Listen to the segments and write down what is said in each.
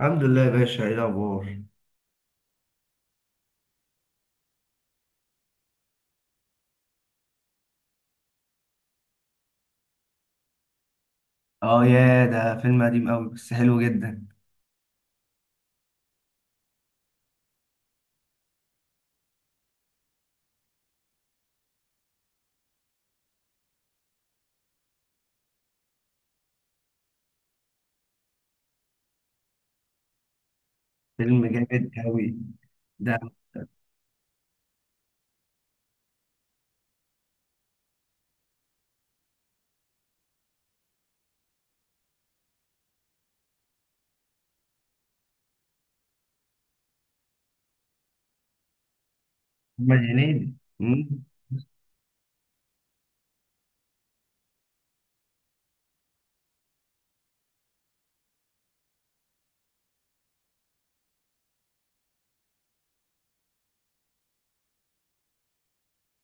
الحمد لله يا باشا، ايه الاخبار؟ اه، يا ده فيلم قديم قوي بس حلو جدا. فيلم جامد قوي ده. محمد هنيدي. مم.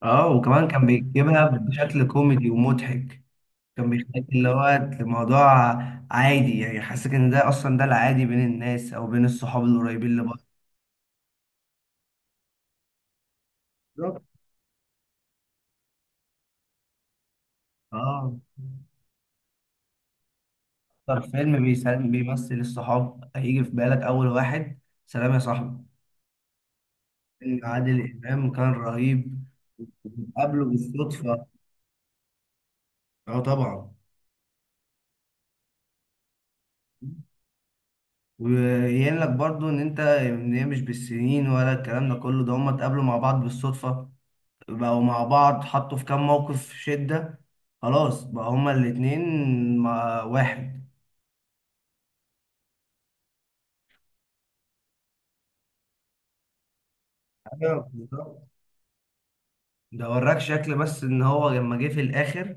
اه، وكمان كان بيجيبها بشكل كوميدي ومضحك. كان بيخليك اللي هو الموضوع عادي، يعني حاسك ان ده اصلا ده العادي بين الناس او بين الصحاب القريبين لبعض. بالظبط. اه، اكتر فيلم بيسلم بيمثل الصحاب هيجي في بالك اول واحد سلام يا صاحبي. فيلم عادل امام كان رهيب، وقابله بالصدفه. اه طبعا. ويقول لك برضو ان انت ان هي مش بالسنين ولا الكلام ده كله، ده هما اتقابلوا مع بعض بالصدفة، بقوا مع بعض، حطوا في كام موقف شدة، خلاص بقى هما الاتنين مع واحد. ايوه بالظبط. ده وراك شكل بس ان هو لما جه في الاخر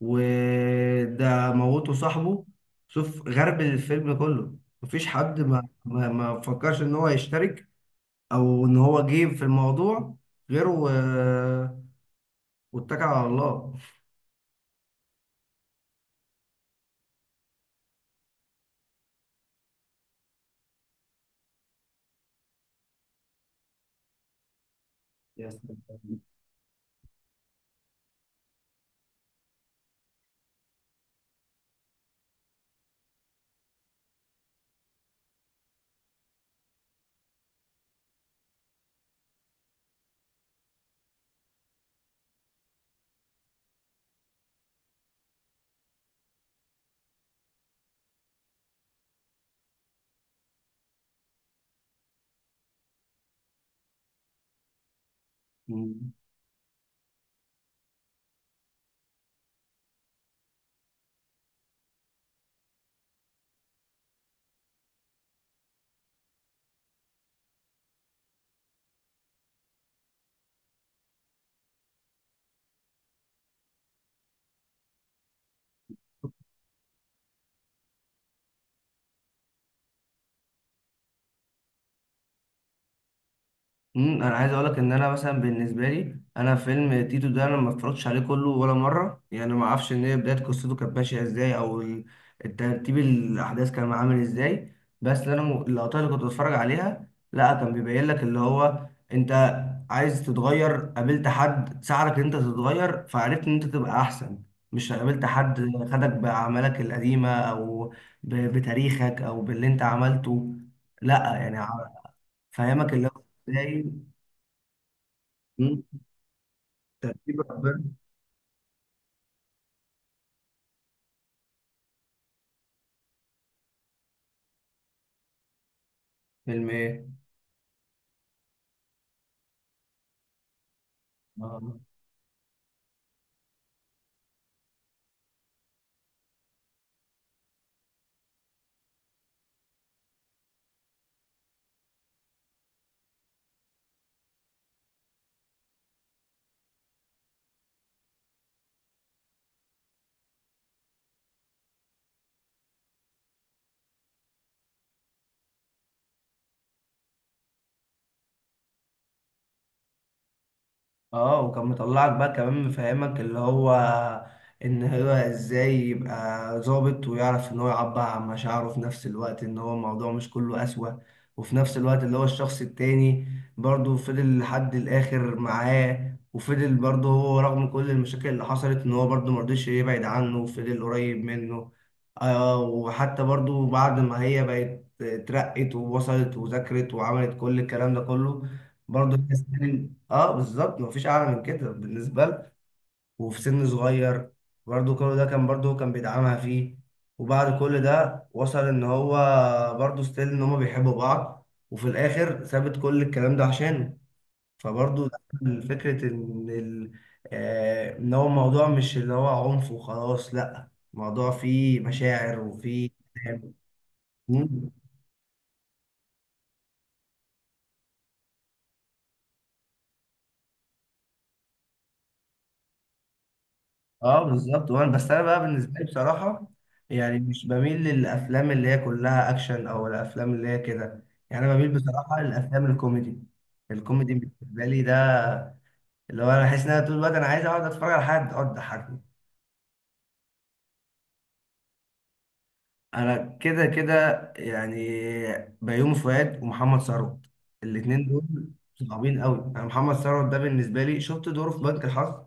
وده موته صاحبه، شوف غرب الفيلم كله. مفيش حد ما فكرش ان هو يشترك او ان هو جه في الموضوع غيره واتكل على الله. يا سلام. مم. انا عايز اقولك ان انا مثلا بالنسبه لي انا فيلم تيتو ده انا ما اتفرجتش عليه كله ولا مره، يعني ما اعرفش ان هي بدايه قصته كانت ماشيه ازاي او الترتيب الاحداث كان عامل ازاي. بس اللي اللقطات اللي كنت بتفرج عليها لا كان بيبين لك اللي هو انت عايز تتغير، قابلت حد ساعدك ان انت تتغير فعرفت ان انت تبقى احسن، مش قابلت حد خدك باعمالك القديمه او بتاريخك او باللي انت عملته. لا يعني فاهمك اللي هو ازاي. مم. ترتيب ربنا. فيلم ايه؟ آه. اه، وكان مطلعك بقى كمان مفهمك اللي هو ان هو ازاي يبقى ظابط ويعرف ان هو يعبر عن مشاعره في نفس الوقت ان هو الموضوع مش كله قسوة. وفي نفس الوقت اللي هو الشخص التاني برضه فضل لحد الاخر معاه، وفضل برضه هو رغم كل المشاكل اللي حصلت ان هو برضه مرضيش يبعد عنه وفضل قريب منه. آه، وحتى برضه بعد ما هي بقت اترقت ووصلت وذاكرت وعملت كل الكلام ده كله، برضه الناس تاني. اه بالظبط، مفيش اعلى من كده بالنسبه له. وفي سن صغير برضه كل ده كان برضه كان بيدعمها فيه. وبعد كل ده وصل ان هو برضه ستيل ان هما بيحبوا بعض وفي الاخر سابت كل الكلام ده عشانه. فبرضه دخل فكره ان ان هو الموضوع مش اللي هو عنف وخلاص، لا الموضوع فيه مشاعر وفيه كلام. اه بالظبط، وانا بس انا بقى بالنسبه لي بصراحه، يعني مش بميل للافلام اللي هي كلها اكشن او الافلام اللي هي كده. يعني انا بميل بصراحه للافلام الكوميدي. الكوميدي بالنسبه لي ده اللي هو انا بحس ان انا طول الوقت انا عايز اقعد اتفرج على حد اقعد اضحكني. انا كده كده يعني بيومي فؤاد ومحمد ثروت. الاتنين دول صعبين قوي. انا محمد ثروت ده بالنسبه لي شفت دوره في بنك الحظ.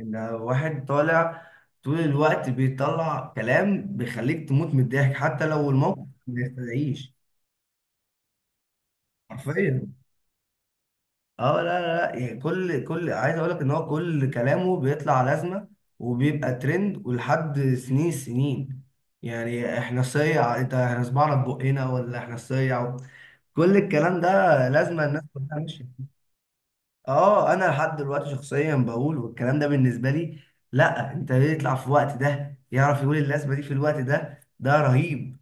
ان واحد طالع طول الوقت بيطلع كلام بيخليك تموت من الضحك حتى لو الموقف ما يستدعيش. حرفيا. اه، لا، لا، لا، يعني كل عايز اقول لك ان هو كل كلامه بيطلع لازمه وبيبقى ترند ولحد سنين سنين، يعني احنا صيع انت، احنا صبعنا في بقنا ولا احنا صيع. كل الكلام ده لازمه الناس كلها ماشيه. اه انا لحد دلوقتي شخصيا بقول، والكلام ده بالنسبه لي لا، انت يطلع في الوقت ده يعرف يقول اللازمه دي في الوقت ده ده رهيب.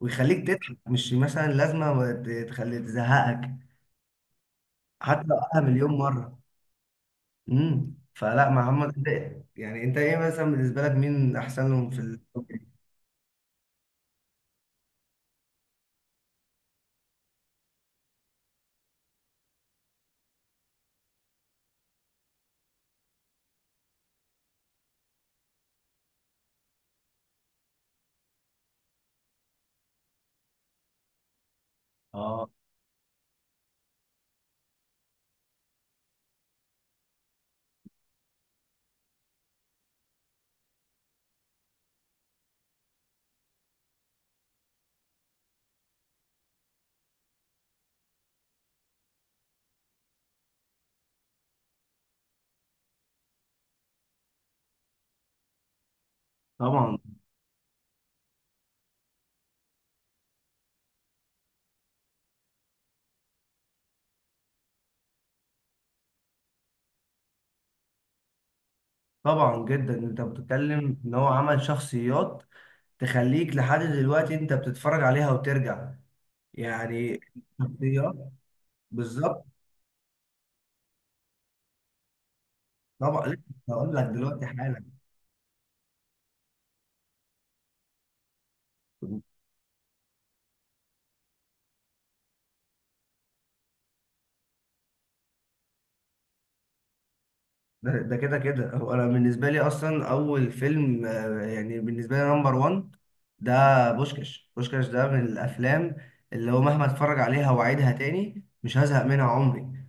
ويخليك تضحك، مش مثلا لازمه ما تخلي تزهقك. حتى لو قالها مليون مره. فلا محمد ده، يعني انت ايه مثلا بالنسبه لك مين احسن لهم في اه طبعا. طبعا جدا، انت بتتكلم ان هو عمل شخصيات تخليك لحد دلوقتي انت بتتفرج عليها وترجع يعني. شخصيات، بالظبط. طبعا لسه، هقول لك دلوقتي حالا. ده كده كده هو انا بالنسبه لي اصلا اول فيلم يعني بالنسبه لي نمبر 1 ده. بوشكاش بوشكاش ده من الافلام اللي هو مهما اتفرج عليها واعيدها تاني مش هزهق منها عمري.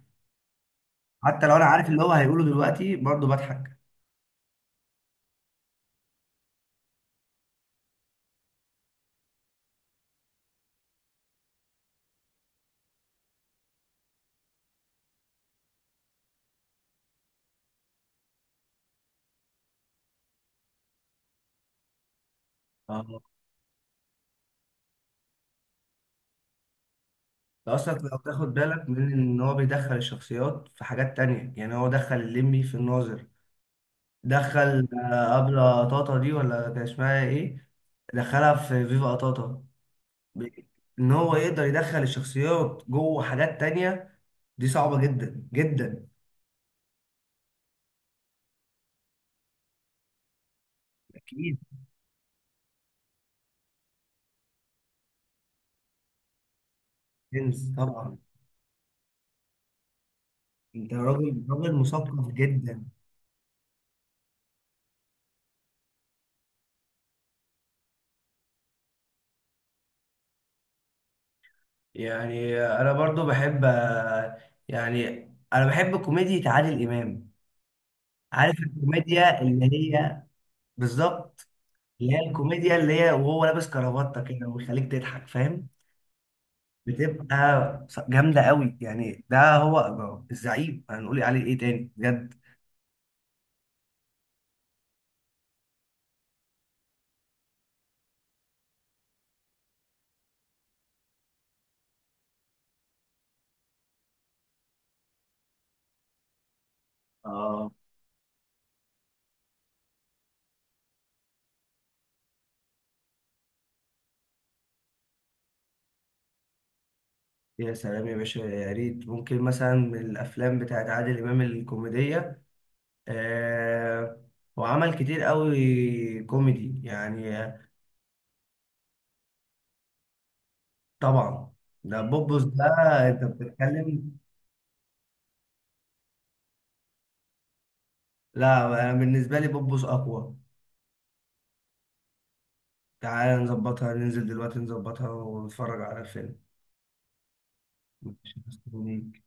حتى لو انا عارف اللي هو هيقوله دلوقتي برضه بضحك. اه، ده اصلا لو تاخد بالك من ان هو بيدخل الشخصيات في حاجات تانية، يعني هو دخل الليمبي في الناظر، دخل ابله طاطا دي ولا كان اسمها ايه، دخلها في فيفا قطاطا. ب- ان هو يقدر يدخل الشخصيات جوه حاجات تانية دي صعبة جدا جدا. اكيد. جنس طبعا. انت راجل راجل مثقف جدا. يعني انا برضو بحب، يعني انا بحب كوميديا عادل امام. عارف الكوميديا اللي هي، بالظبط، اللي هي الكوميديا اللي هي وهو لابس كرافتة كده ويخليك تضحك، فاهم. بتبقى جامدة قوي يعني. ده هو الزعيم، هنقول عليه ايه تاني بجد؟ آه يا سلام يا باشا، يا ريت ممكن مثلا من الافلام بتاعت عادل امام الكوميديه. آه، هو عمل كتير قوي كوميدي يعني طبعا. ده بوبوس ده. انت بتتكلم؟ لا، انا بالنسبه لي بوبوس اقوى. تعالى نظبطها، ننزل دلوقتي نظبطها ونتفرج على الفيلم. ماشي. مستنيك.